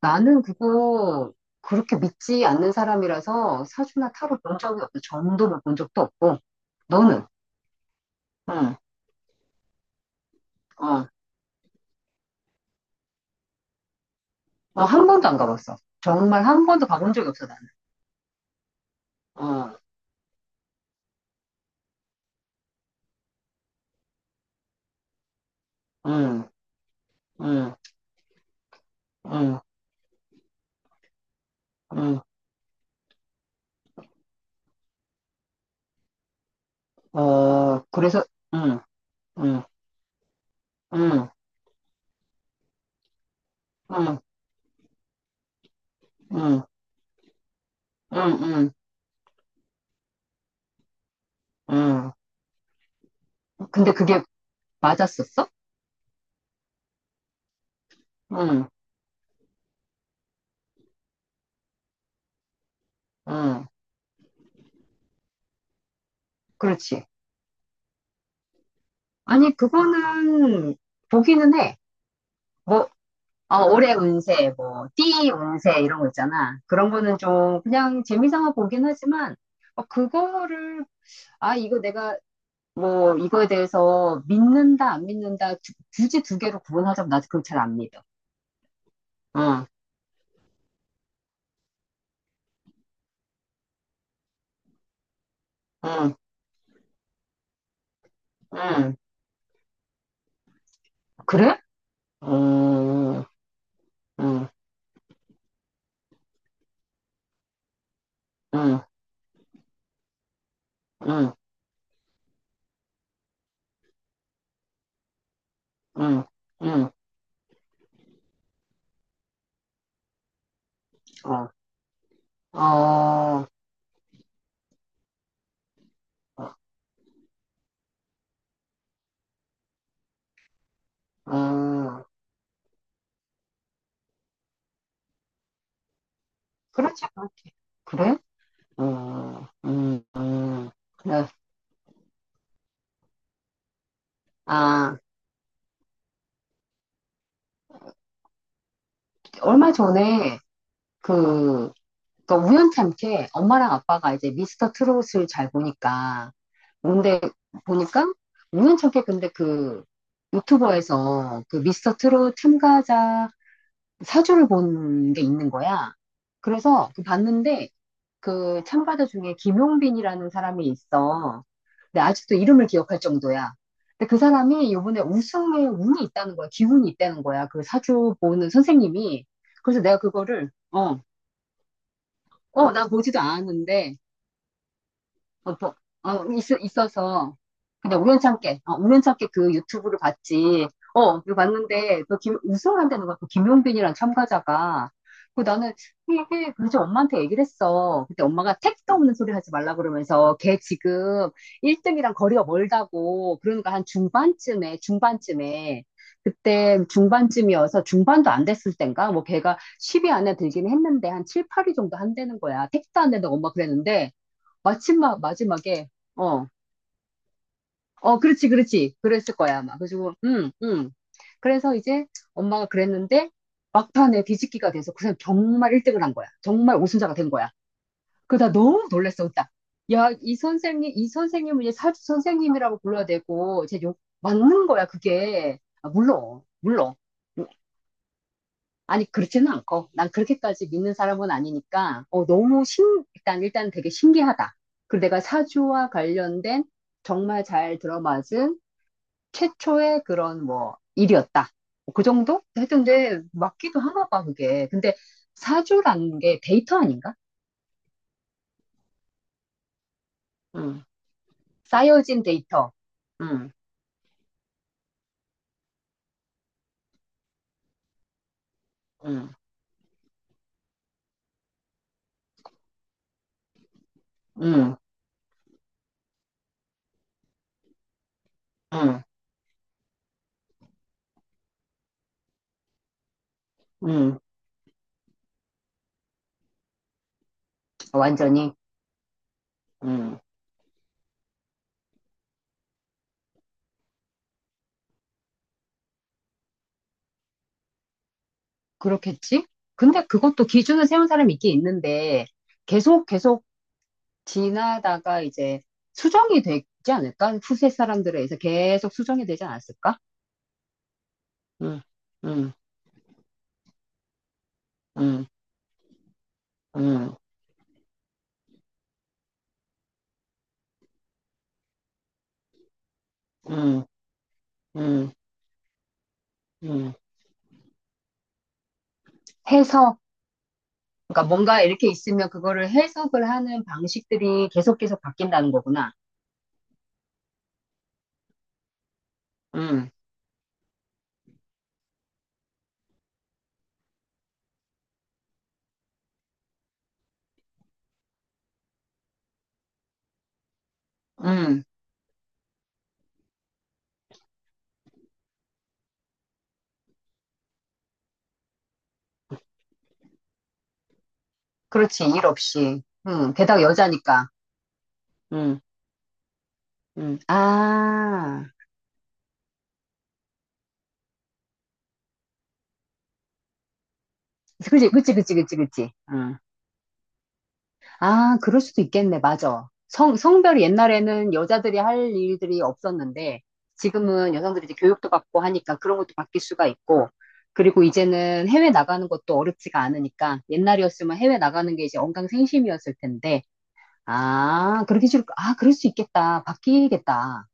나는 그거 그렇게 믿지 않는 사람이라서 사주나 타로 본 적이 없어. 점도 본 적도 없고 너는? 응, 어, 어, 한 번도 안 가봤어. 정말 한 번도 가본 적이 없어 나는. 어, 응, 응, 응, 응, 어, 그래서 응, 응, 응, 응, 응, 응, 응, 응. 근데 그게 맞았었어? 응, 응, 그렇지. 아니 그거는 보기는 해. 뭐 어, 올해 운세, 뭐, 띠 운세, 이런 거 있잖아. 그런 거는 좀 그냥 재미삼아 보긴 하지만, 어, 그거를, 아, 이거 내가 뭐, 이거에 대해서 믿는다, 안 믿는다, 굳이 두 개로 구분하자면 나도 그걸 잘 안 믿어. 응, 응, 응. 그래? 응, 응, 응, 응, 응, 응, 어, 어, 음, 그렇지, 그렇지. 그래? 음, 음, 음. 네. 아, 얼마 전에 그, 그러니까 우연찮게 엄마랑 아빠가 이제 미스터 트롯을 잘 보니까, 근데 보니까 우연찮게 근데 그 유튜버에서 그 미스터 트롯 참가자 사주를 본 게 있는 거야. 그래서 그 봤는데 그 참가자 중에 김용빈이라는 사람이 있어. 근데 아직도 이름을 기억할 정도야. 근데 그 사람이 이번에 우승에 운이 있다는 거야. 기운이 있다는 거야. 그 사주 보는 선생님이. 그래서 내가 그거를, 어, 어, 나 보지도 않았는데, 어, 보- 어, 있, 있어서 근데 우연찮게, 어, 우연찮게 그 유튜브를 봤지. 어, 이거 봤는데, 그 김, 우승한다는 거야. 그 김용빈이란 참가자가. 그 나는 이게 그래서 엄마한테 얘기를 했어. 그때 엄마가 택도 없는 소리 하지 말라 그러면서 걔 지금 1등이랑 거리가 멀다고 그러니까 한 중반쯤에 그때 중반쯤이어서 중반도 안 됐을 땐가 뭐 걔가 10위 안에 들긴 했는데 한 7, 8위 정도 한다는 거야. 택도 안 된다고 엄마 그랬는데 마침 마지막에 어 어, 그렇지, 그렇지. 그랬을 거야, 아마. 그래가지고, 응 응 그래서 이제 엄마가 그랬는데, 막판에 뒤집기가 돼서 그 사람 정말 1등을 한 거야. 정말 우승자가 된 거야. 그러다 너무 놀랬어, 딱. 야, 이 선생님, 이 선생님은 이제 사주 선생님이라고 불러야 되고, 이제 욕, 맞는 거야, 그게. 아, 물론, 물론. 음, 아니, 그렇지는 않고. 난 그렇게까지 믿는 사람은 아니니까, 어, 너무 신, 일단 되게 신기하다. 그리고 내가 사주와 관련된 정말 잘 들어맞은 최초의 그런 뭐 일이었다. 그 정도? 하여튼 근데 맞기도 하나 봐, 그게. 근데 사주라는 게 데이터 아닌가? 음. 쌓여진 데이터. 음. 음. 음. 음. 음. 완전히. 음. 그렇겠지? 근데 그것도 기준을 세운 사람이 있긴 있는데 계속 계속 지나다가 이제 수정이 되지 않을까? 후세 사람들에 의해서 계속 수정이 되지 않았을까? 음. 음. 음. 음. 음. 음. 음. 해석, 그러니까 뭔가 이렇게 있으면 그거를 해석을 하는 방식들이 계속 계속 바뀐다는 거구나. 음, 음, 그렇지, 일 없이. 게다가 여자니까. 음, 아, 그치, 그치, 그치, 그치, 그치. 음. 아, 그럴 수도 있겠네, 맞아. 성, 성별이 옛날에는 여자들이 할 일들이 없었는데, 지금은 여성들이 이제 교육도 받고 하니까 그런 것도 바뀔 수가 있고, 그리고 이제는 해외 나가는 것도 어렵지가 않으니까, 옛날이었으면 해외 나가는 게 이제 언강생심이었을 텐데, 아, 그렇게 줄, 아, 그럴 수 있겠다. 바뀌겠다.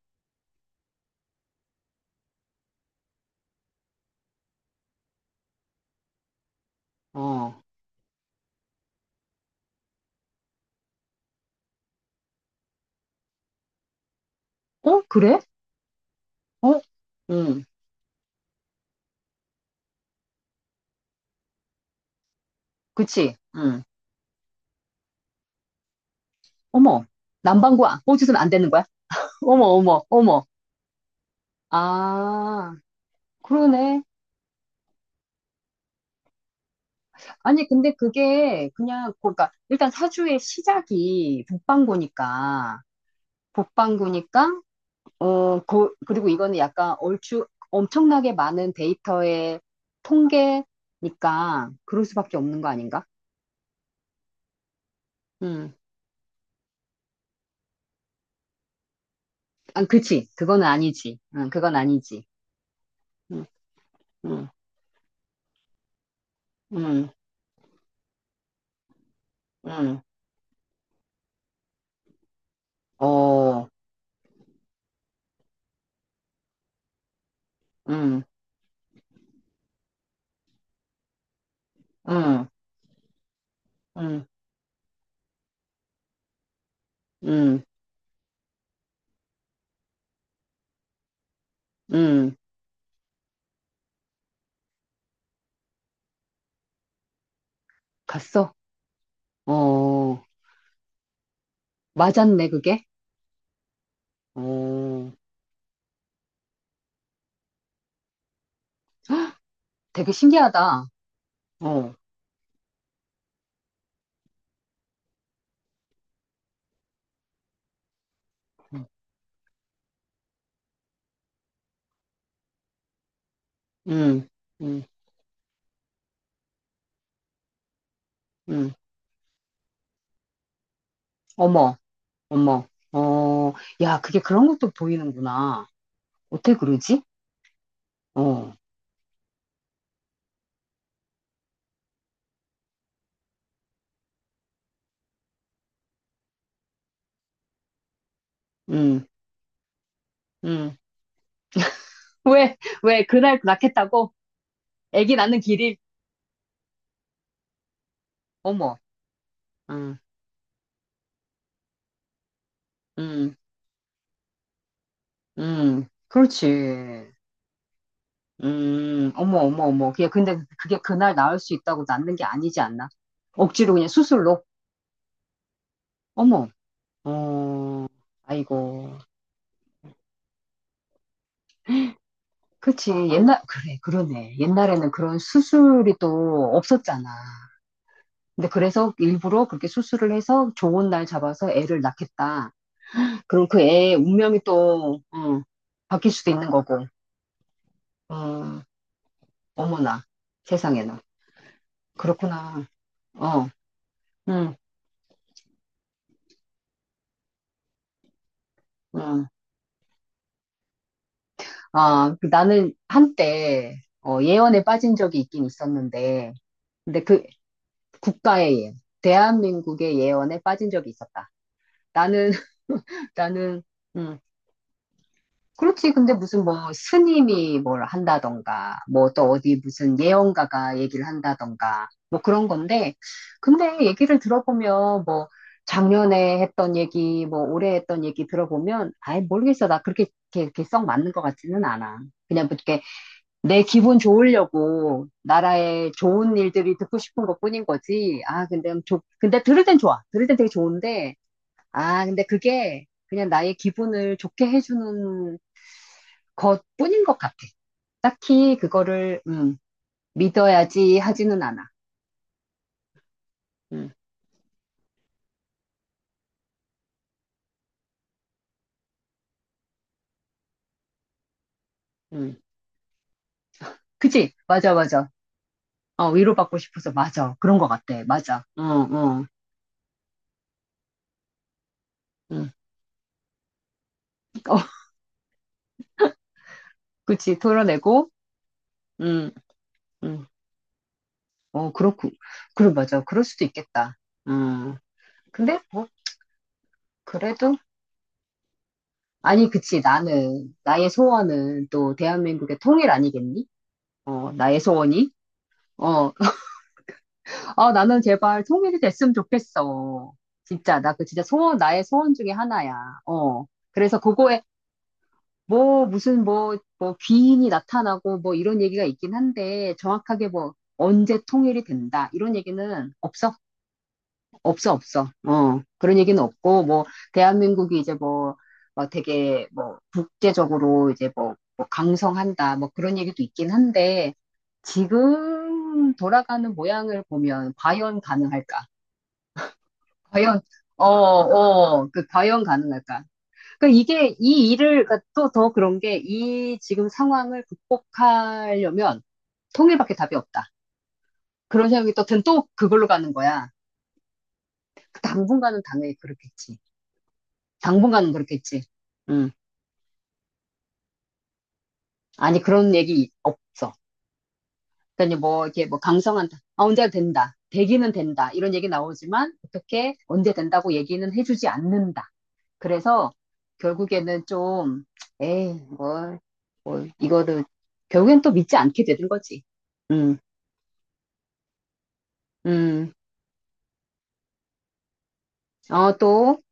어, 어, 그래? 어, 응, 그치, 응. 어머, 남방구 꽂으면 안 되는 거야? 어머, 어머, 어머. 아, 그러네. 아니, 근데 그게 그냥, 그러니까, 일단 사주의 시작이 북방구니까, 어, 그, 그리고 이거는 약간 얼추 엄청나게 많은 데이터의 통계니까, 그럴 수밖에 없는 거 아닌가? 음. 아, 그치. 그거는 아니지. 응, 그건 아니지. 응, 응, 응, 응, 어, 응, 응, 응, 응, 응. 갔어? 어, 맞았네, 그게? 어, 되게 신기하다. 어, 응, 응, 응. 응. 어머, 어머. 어, 야, 그게 그런 것도 보이는구나. 어떻게 그러지? 어, 응, 응. 왜, 왜, 그날 낳겠다고? 애기 낳는 길이? 어머, 응, 응. 그렇지. 어머, 어머, 어머. 그게, 근데 그게 그날 나을 수 있다고 낫는 게 아니지 않나? 억지로 그냥 수술로? 어머, 어, 아이고. 그치. 옛날, 그래, 그러네. 옛날에는 그런 수술이 또 없었잖아. 근데 그래서 일부러 그렇게 수술을 해서 좋은 날 잡아서 애를 낳겠다. 그럼 그 애의 운명이 또, 어, 바뀔 수도 있는 거고. 어, 어머나. 세상에나. 그렇구나. 어, 응응 아, 그 나는 한때 어, 예언에 빠진 적이 있긴 있었는데, 근데 그 국가의 예언, 대한민국의 예언에 빠진 적이 있었다. 나는, 나는, 음, 그렇지. 근데 무슨 뭐 스님이 뭘 한다던가, 뭐 또 어디 무슨 예언가가 얘기를 한다던가, 뭐 그런 건데, 근데 얘기를 들어보면 뭐 작년에 했던 얘기, 뭐 올해 했던 얘기 들어보면, 아예 모르겠어. 나 그렇게, 이렇게, 이렇게 썩 맞는 것 같지는 않아. 그냥 뭐 이렇게 내 기분 좋으려고 나라의 좋은 일들이 듣고 싶은 것뿐인 거지. 아, 근데 좋, 근데 들을 땐 좋아. 들을 땐 되게 좋은데, 아, 근데 그게 그냥 나의 기분을 좋게 해주는 것뿐인 것 같아. 딱히 그거를 믿어야지 하지는 않아. 음, 음. 그치? 맞아, 맞아. 어, 위로받고 싶어서 맞아. 그런 것 같아. 맞아. 어, 어, 음. 어, 그치. 토해내고, 음, 음. 어, 그렇고, 그래, 맞아. 그럴 수도 있겠다. 음. 근데 뭐 그래도? 아니, 그치. 나는, 나의 소원은 또 대한민국의 통일 아니겠니? 어, 나의 소원이? 어, 아, 나는 제발 통일이 됐으면 좋겠어. 진짜, 나 그 진짜 소원, 나의 소원 중에 하나야. 어. 그래서 그거에 뭐, 무슨 뭐, 뭐, 귀인이 나타나고 뭐 이런 얘기가 있긴 한데 정확하게 뭐, 언제 통일이 된다. 이런 얘기는 없어. 없어, 없어. 어, 그런 얘기는 없고, 뭐, 대한민국이 이제 뭐, 막 되게 뭐, 국제적으로 이제 뭐, 뭐 강성한다, 뭐 그런 얘기도 있긴 한데, 지금 돌아가는 모양을 보면 과연 가능할까? 과연, 어, 어, 그 과연 가능할까? 그러니까 이게, 이 일을, 그러니까 또더 그런 게, 이 지금 상황을 극복하려면 통일밖에 답이 없다. 그런 생각이 또 든 또 그걸로 가는 거야. 그 당분간은 당연히 그렇겠지. 당분간은 그렇겠지. 음. 아니, 그런 얘기 없어. 그러니까 뭐, 이렇게 뭐, 강성한다. 아, 언제가 된다. 되기는 된다. 이런 얘기 나오지만, 어떻게, 언제 된다고 얘기는 해주지 않는다. 그래서, 결국에는 좀, 에이, 뭐, 뭐, 이거를, 결국엔 또 믿지 않게 되는 거지. 음, 음. 어, 또,